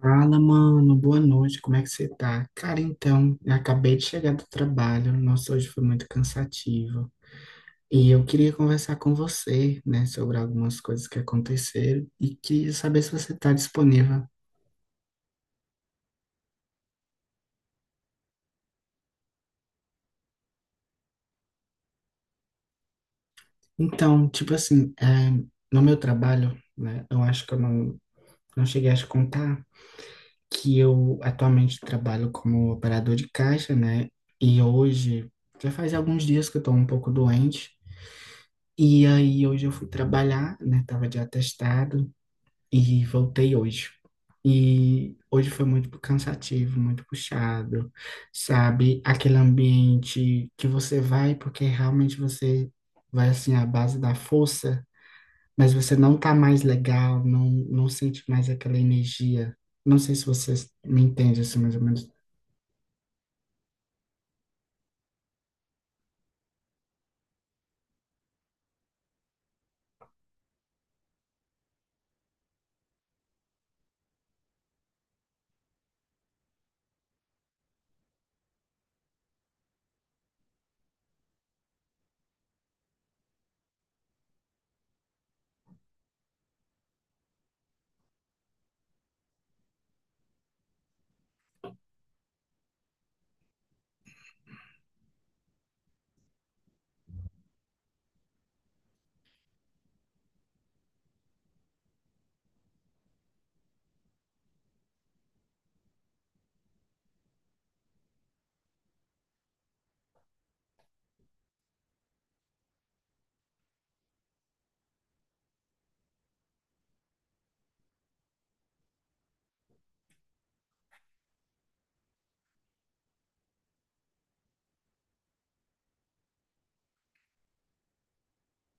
Fala, mano, boa noite, como é que você tá? Cara, então, eu acabei de chegar do trabalho, nossa, hoje foi muito cansativo. E eu queria conversar com você, né, sobre algumas coisas que aconteceram e queria saber se você tá disponível. Então, tipo assim, no meu trabalho, né, eu acho que eu não, não cheguei a te contar que eu atualmente trabalho como operador de caixa, né, e hoje já faz alguns dias que eu tô um pouco doente. E aí hoje eu fui trabalhar, né? Tava de atestado e voltei hoje. E hoje foi muito cansativo, muito puxado, sabe? Aquele ambiente que você vai porque realmente você vai assim à base da força, mas você não tá mais legal, não sente mais aquela energia. Não sei se você me entende assim mais ou menos.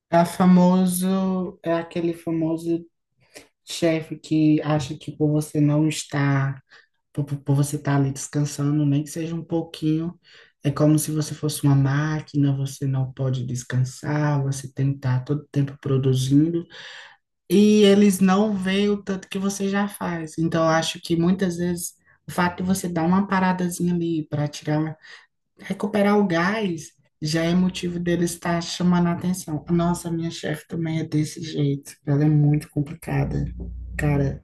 É famoso, é aquele famoso chefe que acha que por você estar ali descansando, nem que seja um pouquinho, é como se você fosse uma máquina, você não pode descansar, você tem que estar todo tempo produzindo, e eles não veem o tanto que você já faz. Então, eu acho que muitas vezes o fato de você dar uma paradazinha ali para tirar, recuperar o gás, já é motivo deles estar chamando a atenção. Nossa, minha chefe também é desse jeito, ela é muito complicada, cara,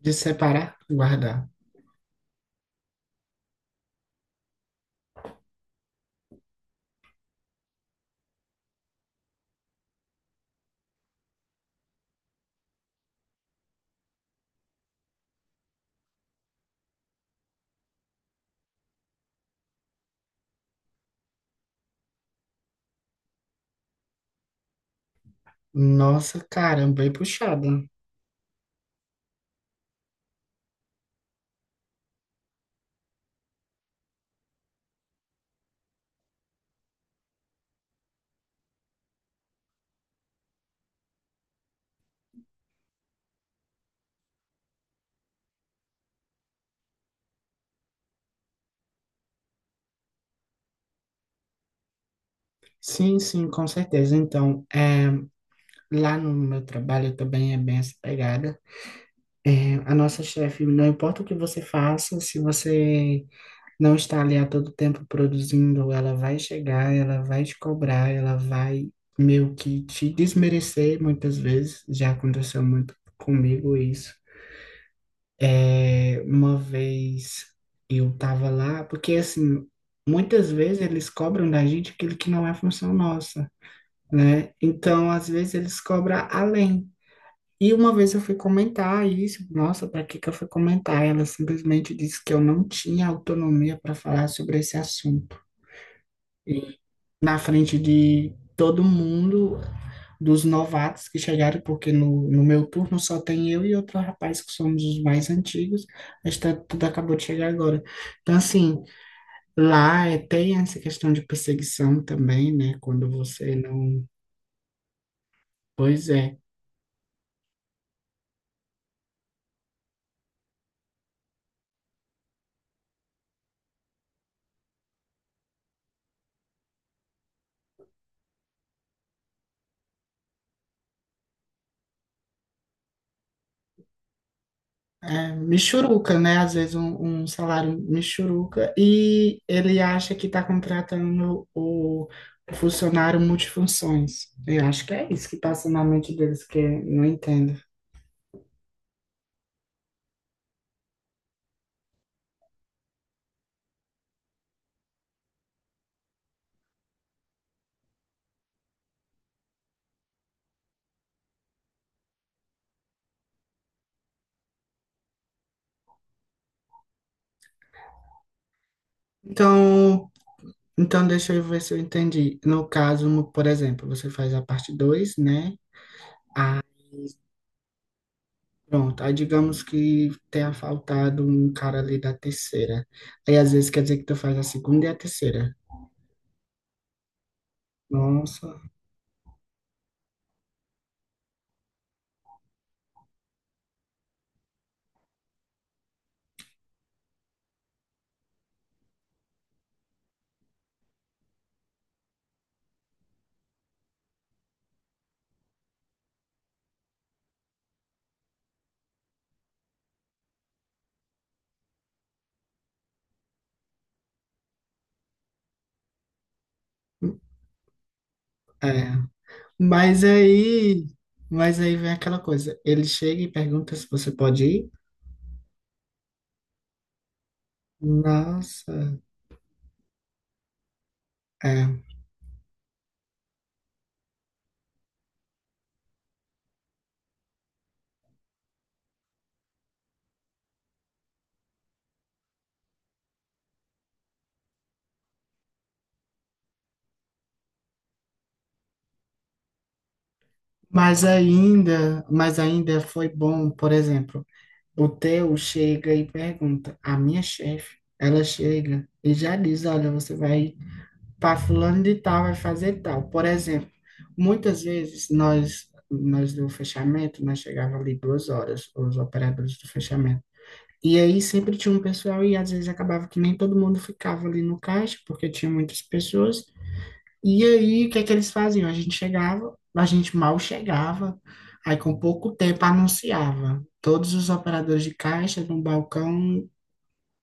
de separar, e guardar. Nossa, caramba, bem puxada. Sim, sim, com certeza. Então, é, lá no meu trabalho também é bem essa pegada. É, a nossa chefe, não importa o que você faça, se você não está ali a todo tempo produzindo, ela vai chegar, ela vai te cobrar, ela vai meio que te desmerecer muitas vezes. Já aconteceu muito comigo isso. É, uma vez eu tava lá, porque assim, muitas vezes eles cobram da gente aquilo que não é função nossa, né? Então, às vezes eles cobram além. E uma vez eu fui comentar isso, nossa, para que que eu fui comentar? Ela simplesmente disse que eu não tinha autonomia para falar sobre esse assunto. E na frente de todo mundo, dos novatos que chegaram, porque no meu turno só tem eu e outro rapaz que somos os mais antigos, mas tá, tudo acabou de chegar agora. Então, assim, lá é, tem essa questão de perseguição também, né? Quando você não. Pois é. É, Michuruca, né? Um salário michuruca e ele acha que está contratando o Funcionário multifunções. Eu acho que é isso que passa na mente deles que eu não entendo. Então, Então, deixa eu ver se eu entendi. No caso, no- Por exemplo, você faz a parte 2, né? Pronto. Aí digamos que tenha faltado um cara ali da terceira. Aí às vezes quer dizer que tu faz a segunda e a terceira. Nossa, é. Mas aí, mas aí vem aquela coisa. Ele chega e pergunta se você pode ir. Nossa, é. Mas ainda foi bom, por exemplo. O teu chega e pergunta. A minha chefe, ela chega e já diz: Olha, você vai para fulano de tal, vai fazer tal. Por exemplo, muitas vezes nós do fechamento, nós chegava ali 2 horas, os operadores do fechamento. E aí sempre tinha um pessoal e às vezes acabava que nem todo mundo ficava ali no caixa, porque tinha muitas pessoas. E aí, o que é que eles faziam? A gente chegava, a gente mal chegava, aí com pouco tempo anunciava todos os operadores de caixa no balcão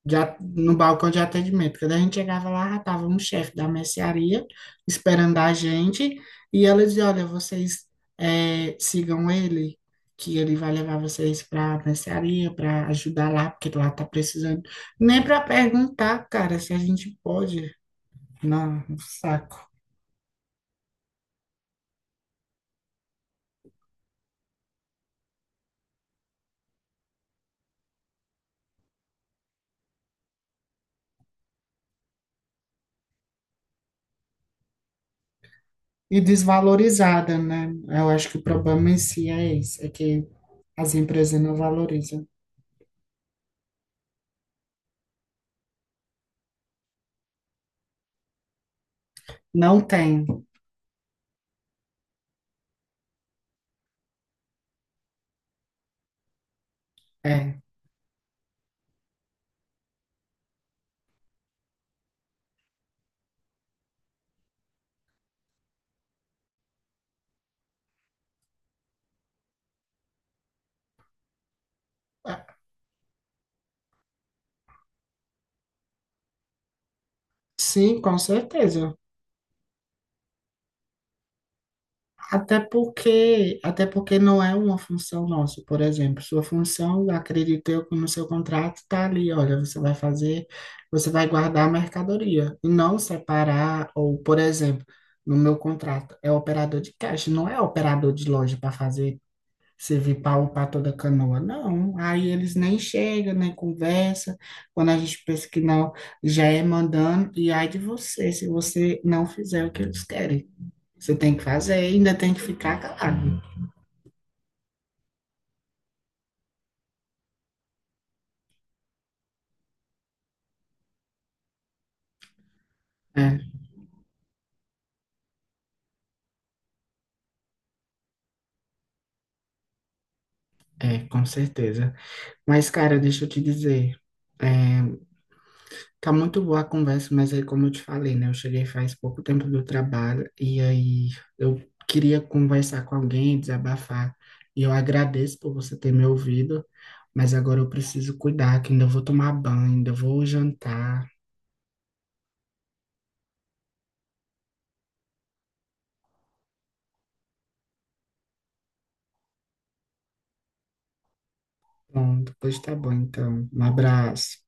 no balcão de atendimento. Quando a gente chegava lá, já estava um chefe da mercearia esperando a gente, e ela dizia, olha, vocês sigam ele, que ele vai levar vocês para a mercearia, para ajudar lá, porque lá está precisando. Nem para perguntar, cara, se a gente pode. Não, um saco. E desvalorizada, né? Eu acho que o problema em si é esse, é que as empresas não valorizam. Não tem, é. Sim, com certeza. Até porque não é uma função nossa, por exemplo. Sua função, acredito eu, que no seu contrato está ali, olha, você vai fazer, você vai guardar a mercadoria e não separar, ou, por exemplo, no meu contrato, é operador de caixa, não é operador de loja para fazer servir para upar toda a canoa. Não, aí eles nem chegam, nem conversa. Quando a gente pensa que não, já é mandando, e ai de você, se você não fizer o que eles querem. Você tem que fazer, ainda tem que ficar calado. É, é, com certeza. Mas, cara, deixa eu te dizer, é, tá muito boa a conversa, mas aí, como eu te falei, né? Eu cheguei faz pouco tempo do trabalho e aí eu queria conversar com alguém, desabafar. E eu agradeço por você ter me ouvido, mas agora eu preciso cuidar, que ainda vou tomar banho, ainda vou jantar. Bom, depois tá bom, então. Um abraço.